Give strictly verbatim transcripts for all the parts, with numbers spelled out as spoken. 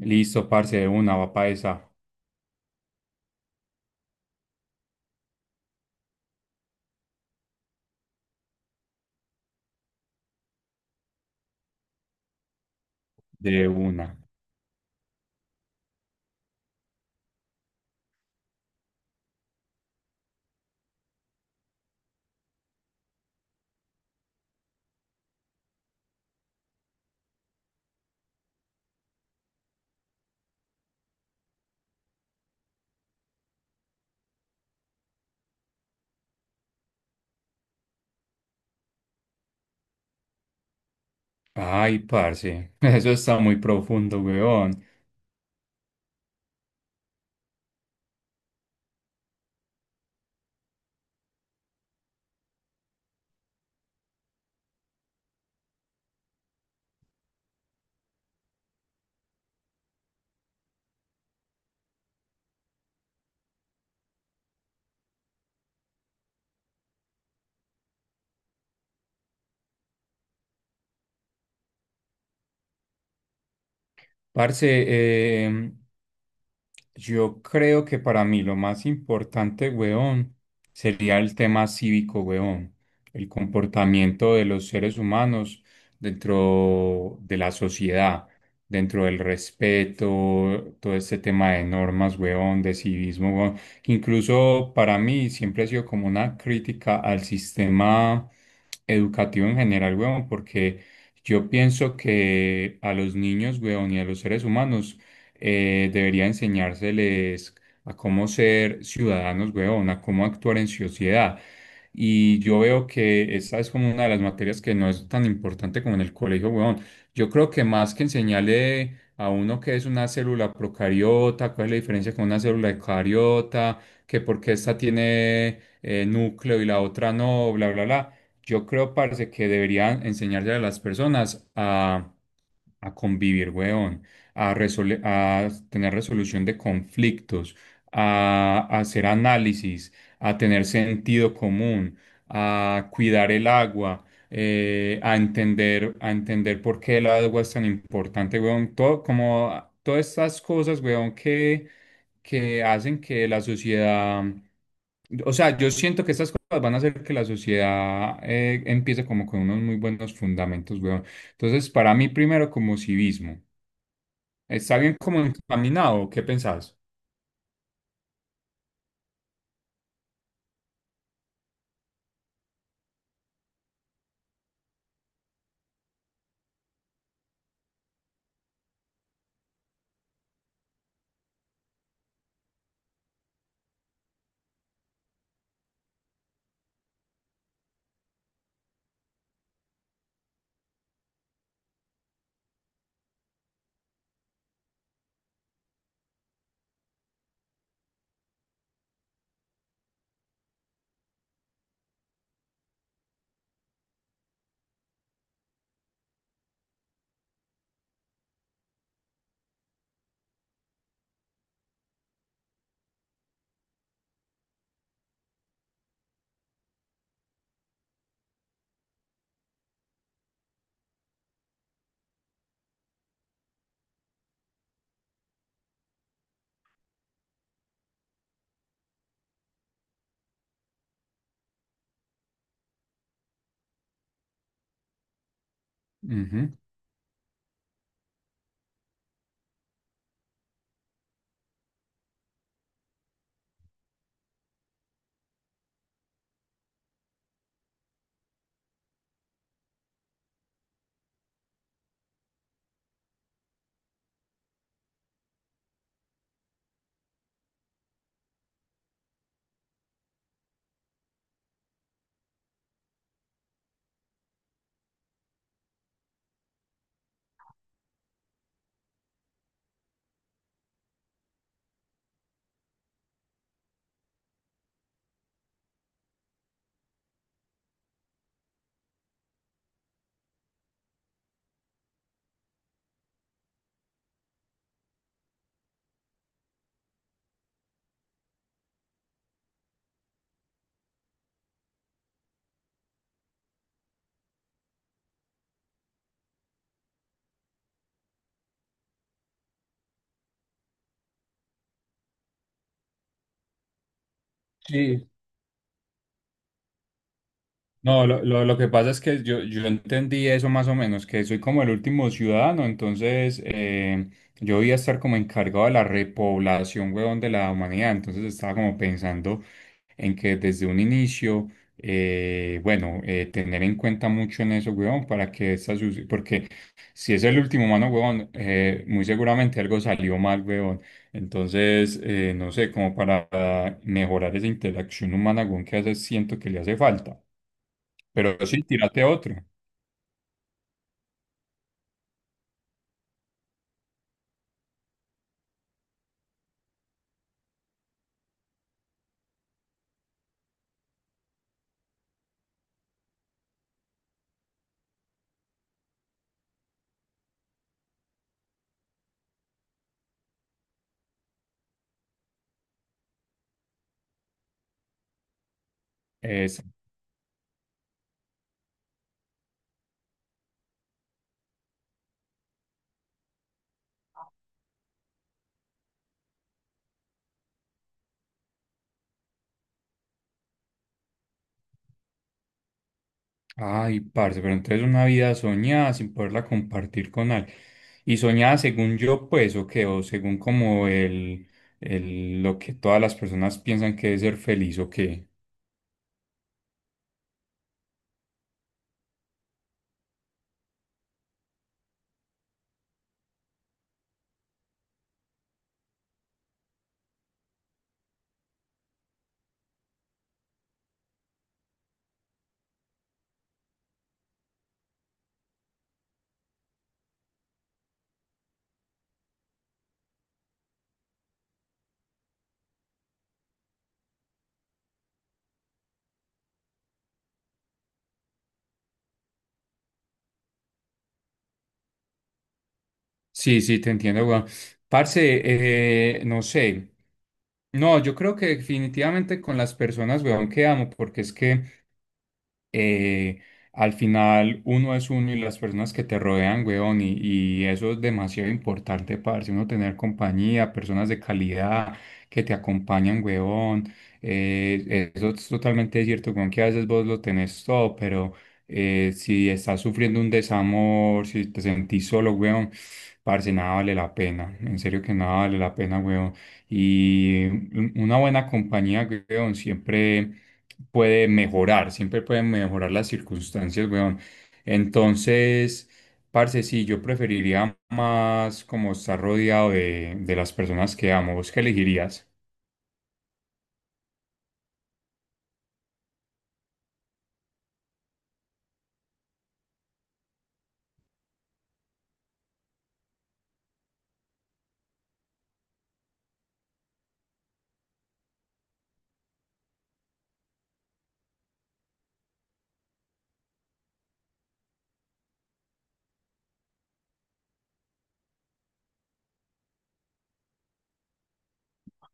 Listo, parce, de una, va pa' esa. De una. Ay, parce, eso está muy profundo, weón. Parce, eh, yo creo que para mí lo más importante, weón, sería el tema cívico, weón, el comportamiento de los seres humanos dentro de la sociedad, dentro del respeto, todo este tema de normas, weón, de civismo, weón, que incluso para mí siempre ha sido como una crítica al sistema educativo en general, weón, porque yo pienso que a los niños, weón, y a los seres humanos eh, debería enseñárseles a cómo ser ciudadanos, weón, a cómo actuar en sociedad. Y yo veo que esta es como una de las materias que no es tan importante como en el colegio, weón. Yo creo que más que enseñarle a uno qué es una célula procariota, cuál es la diferencia con una célula eucariota, que por qué esta tiene eh, núcleo y la otra no, bla, bla, bla. Yo creo, parce, que deberían enseñarle a las personas a, a convivir, weón, a, resole- a tener resolución de conflictos, a, a hacer análisis, a tener sentido común, a cuidar el agua, eh, a entender, a entender por qué el agua es tan importante, weón. Todo, como todas estas cosas, weón, que que hacen que la sociedad, o sea, yo siento que estas cosas van a hacer que la sociedad eh, empiece como con unos muy buenos fundamentos, weón. Entonces, para mí primero como civismo, ¿está bien como encaminado? ¿Qué pensás? Ujú. Sí, no, lo, lo, lo que pasa es que yo, yo entendí eso más o menos, que soy como el último ciudadano, entonces eh, yo voy a estar como encargado de la repoblación, huevón, de la humanidad, entonces estaba como pensando en que desde un inicio, eh, bueno, eh, tener en cuenta mucho en eso, huevón, para que estas, sus- porque si es el último humano, huevón, eh, muy seguramente algo salió mal, huevón, entonces, eh, no sé, como para mejorar esa interacción humana, huevón, que hace, siento que le hace falta. Pero sí, tírate otro. Es, ay, parce, pero entonces una vida soñada sin poderla compartir con alguien. Y soñada según yo, pues, o qué, o según como el, el, lo que todas las personas piensan que es ser feliz, o qué. Sí, sí, te entiendo, weón. Parce, eh, no sé. No, yo creo que definitivamente con las personas, weón, que amo, porque es que eh, al final uno es uno y las personas que te rodean, weón, y, y eso es demasiado importante, parce, uno tener compañía, personas de calidad que te acompañan, weón. Eh, eso es totalmente cierto, con que a veces vos lo tenés todo, pero eh, si estás sufriendo un desamor, si te sentís solo, weón, parce, nada vale la pena, en serio que nada vale la pena, weón. Y una buena compañía, weón, siempre puede mejorar, siempre pueden mejorar las circunstancias, weón. Entonces, parce, sí, yo preferiría más como estar rodeado de, de las personas que amo. ¿Vos qué elegirías?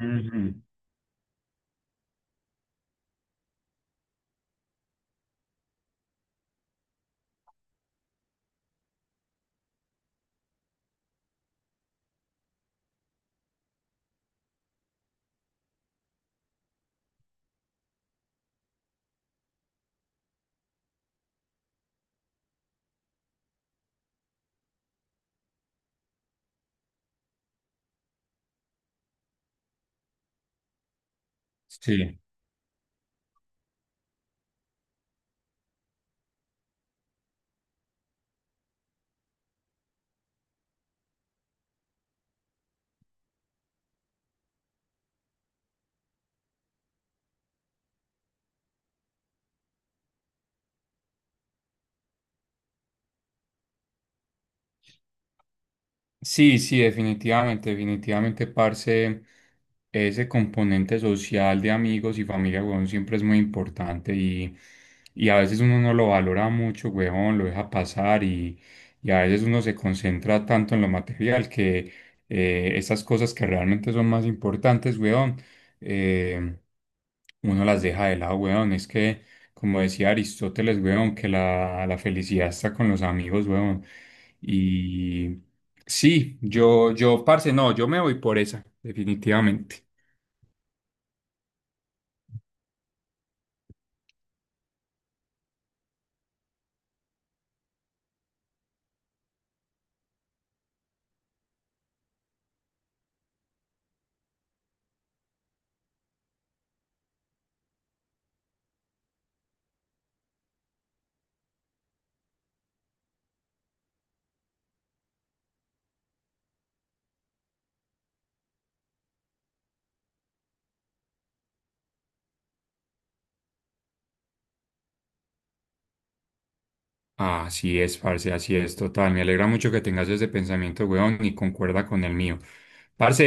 Ujú. Sí. Sí, sí, definitivamente, definitivamente, parce. Ese componente social de amigos y familia, weón, siempre es muy importante y, y a veces uno no lo valora mucho, weón, lo deja pasar y, y a veces uno se concentra tanto en lo material que eh, esas cosas que realmente son más importantes, weón, eh, uno las deja de lado, weón. Es que, como decía Aristóteles, weón, que la, la felicidad está con los amigos, weón. Y sí, yo, yo, parce, no, yo me voy por esa, definitivamente. Así es, parce, así es, total. Me alegra mucho que tengas ese pensamiento, weón, y concuerda con el mío. Parce,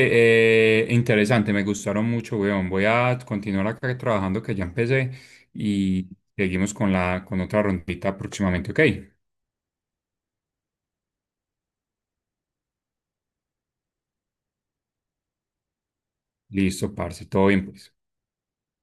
eh, interesante, me gustaron mucho, weón. Voy a continuar acá trabajando que ya empecé y seguimos con la, con otra rondita próximamente, ¿ok? Listo, parce, todo bien, pues.